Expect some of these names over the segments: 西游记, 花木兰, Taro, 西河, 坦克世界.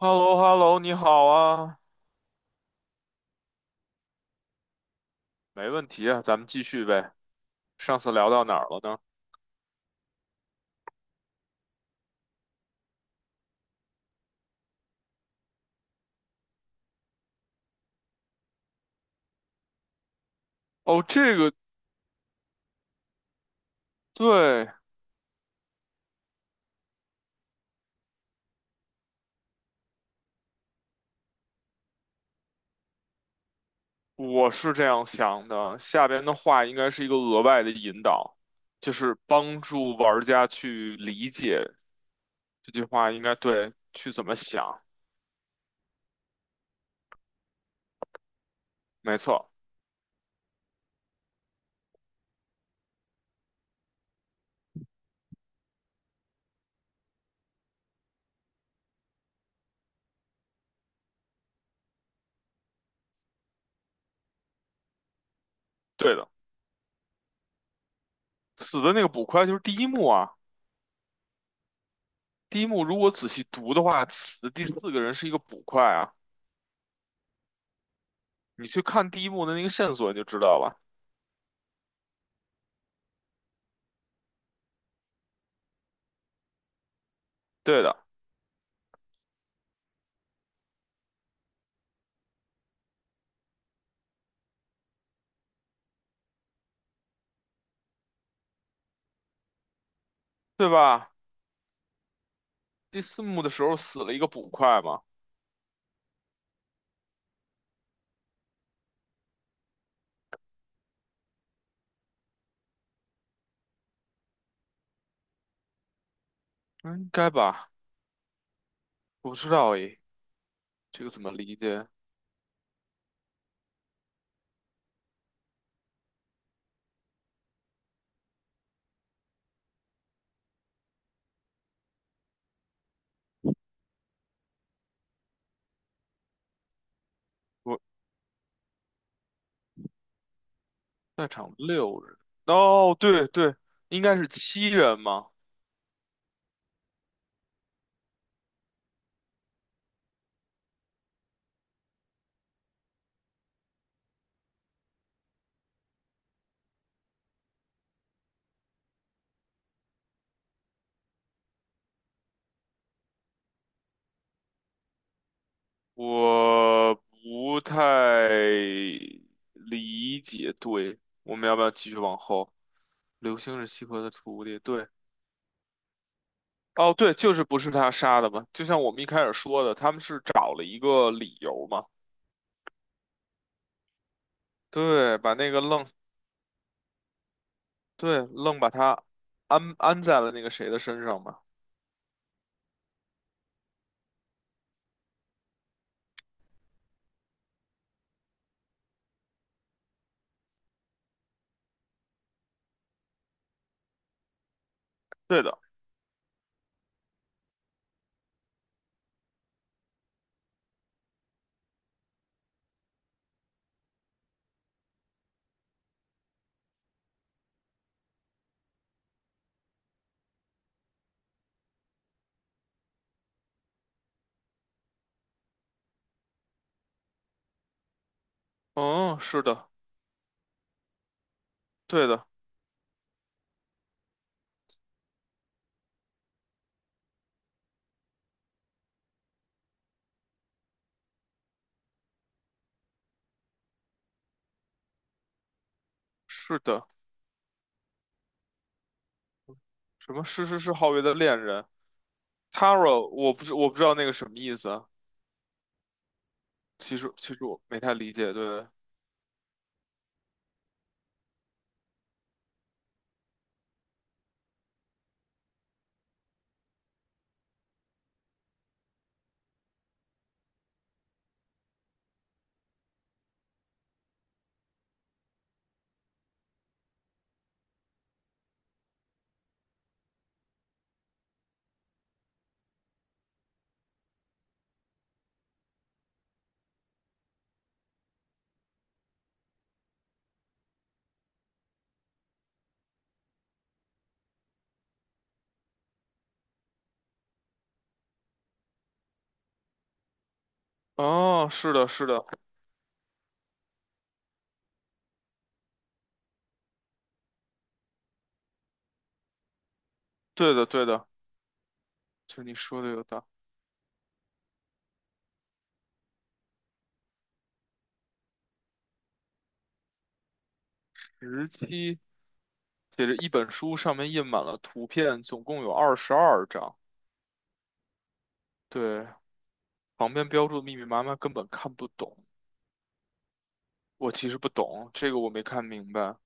h e l l o h e l l o 你好啊，没问题啊，咱们继续呗。上次聊到哪儿了呢？哦，这个，对，我是这样想的，下边的话应该是一个额外的引导，就是帮助玩家去理解这句话应该对，去怎么想。没错，对的，死的那个捕快就是第一幕啊。第一幕如果仔细读的话，死的第四个人是一个捕快啊。你去看第一幕的那个线索，你就知道了。对的，对吧？第四幕的时候死了一个捕快嘛。嗯应该吧？我不知道诶，这个怎么理解？我在场6人，哦，对对，应该是7人嘛。我不太理解。对，我们要不要继续往后？刘星是西河的徒弟，对。哦对，就是不是他杀的嘛？就像我们一开始说的，他们是找了一个理由嘛，对，把那个愣，对，愣把他安安在了那个谁的身上嘛。对的，嗯，是的，对的，是的，什么是皓月的恋人，Taro，我不知道那个什么意思啊。其实我没太理解，对。哦，是的，是的，对的，对的，就你说的有道理。17写着一本书，上面印满了图片，总共有22张，对，旁边标注的密密麻麻，根本看不懂。我其实不懂，这个我没看明白。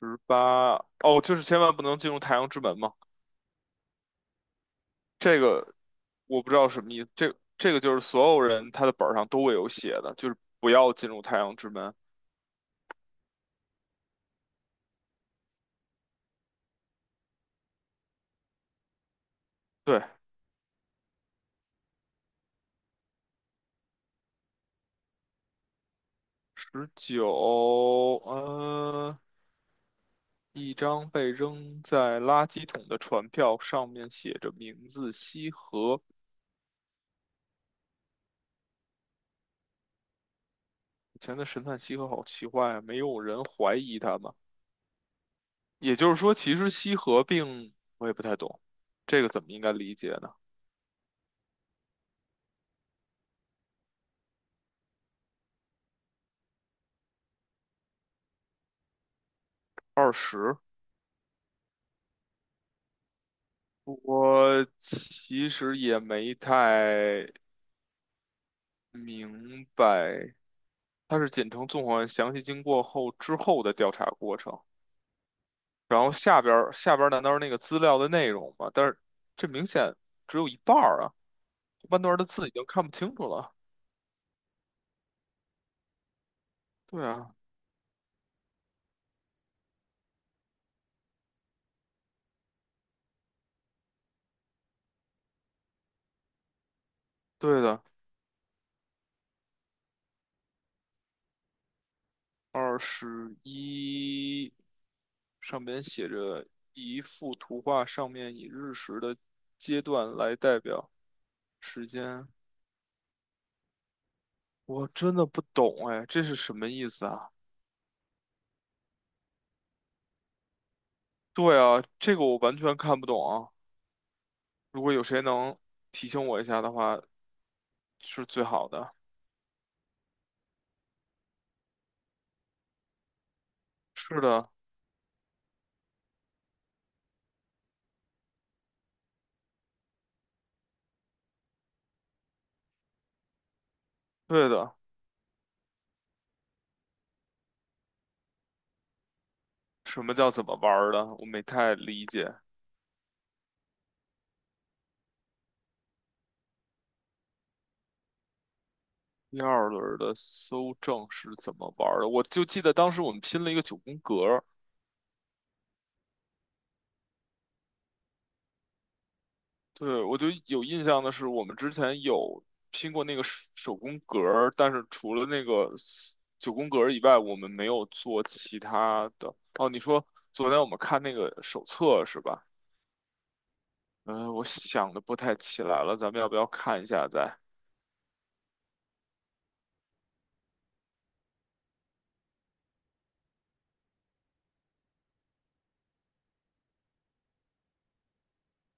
18，哦，就是千万不能进入太阳之门嘛。这个我不知道什么意思，这个就是所有人他的本儿上都会有写的，就是不要进入太阳之门。对。19，呃，一张被扔在垃圾桶的船票，上面写着名字西河。以前的神探西河好奇怪啊，没有人怀疑他吗？也就是说，其实西河并我也不太懂，这个怎么应该理解呢？二十，我其实也没太明白，它是简称纵火案详细经过后之后的调查过程，然后下边儿难道是那个资料的内容吗？但是这明显只有一半儿啊，后半段儿的字已经看不清楚了。对啊，对的。21上边写着一幅图画，上面以日食的阶段来代表时间。我真的不懂哎，这是什么意思啊？对啊，这个我完全看不懂啊。如果有谁能提醒我一下的话，是最好的。是的，对的。什么叫怎么玩儿的？我没太理解。第二轮的搜证是怎么玩儿的？我就记得当时我们拼了一个九宫格儿。对，我就有印象的是，我们之前有拼过那个手工格儿，但是除了那个 九宫格儿以外，我们没有做其他的。哦，你说昨天我们看那个手册是吧？嗯，我想的不太起来了，咱们要不要看一下再？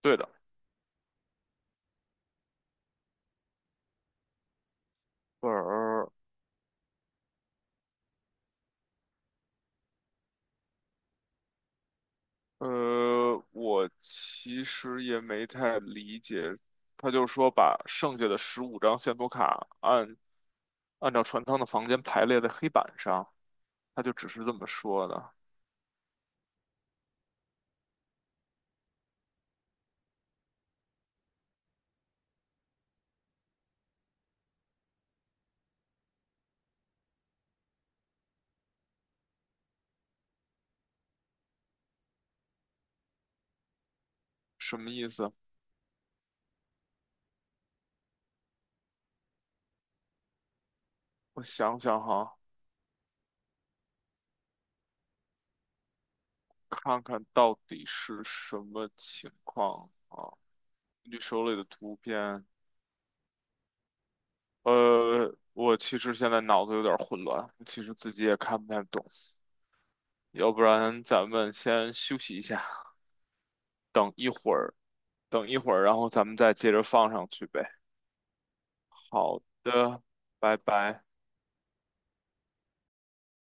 对的。本儿，我其实也没太理解，他就说把剩下的15张线索卡按照船舱的房间排列在黑板上，他就只是这么说的。什么意思？我想想哈，看看到底是什么情况啊？根据手里的图片，我其实现在脑子有点混乱，其实自己也看不太懂，要不然咱们先休息一下，等一会儿。等一会儿，然后咱们再接着放上去呗。好的，拜拜。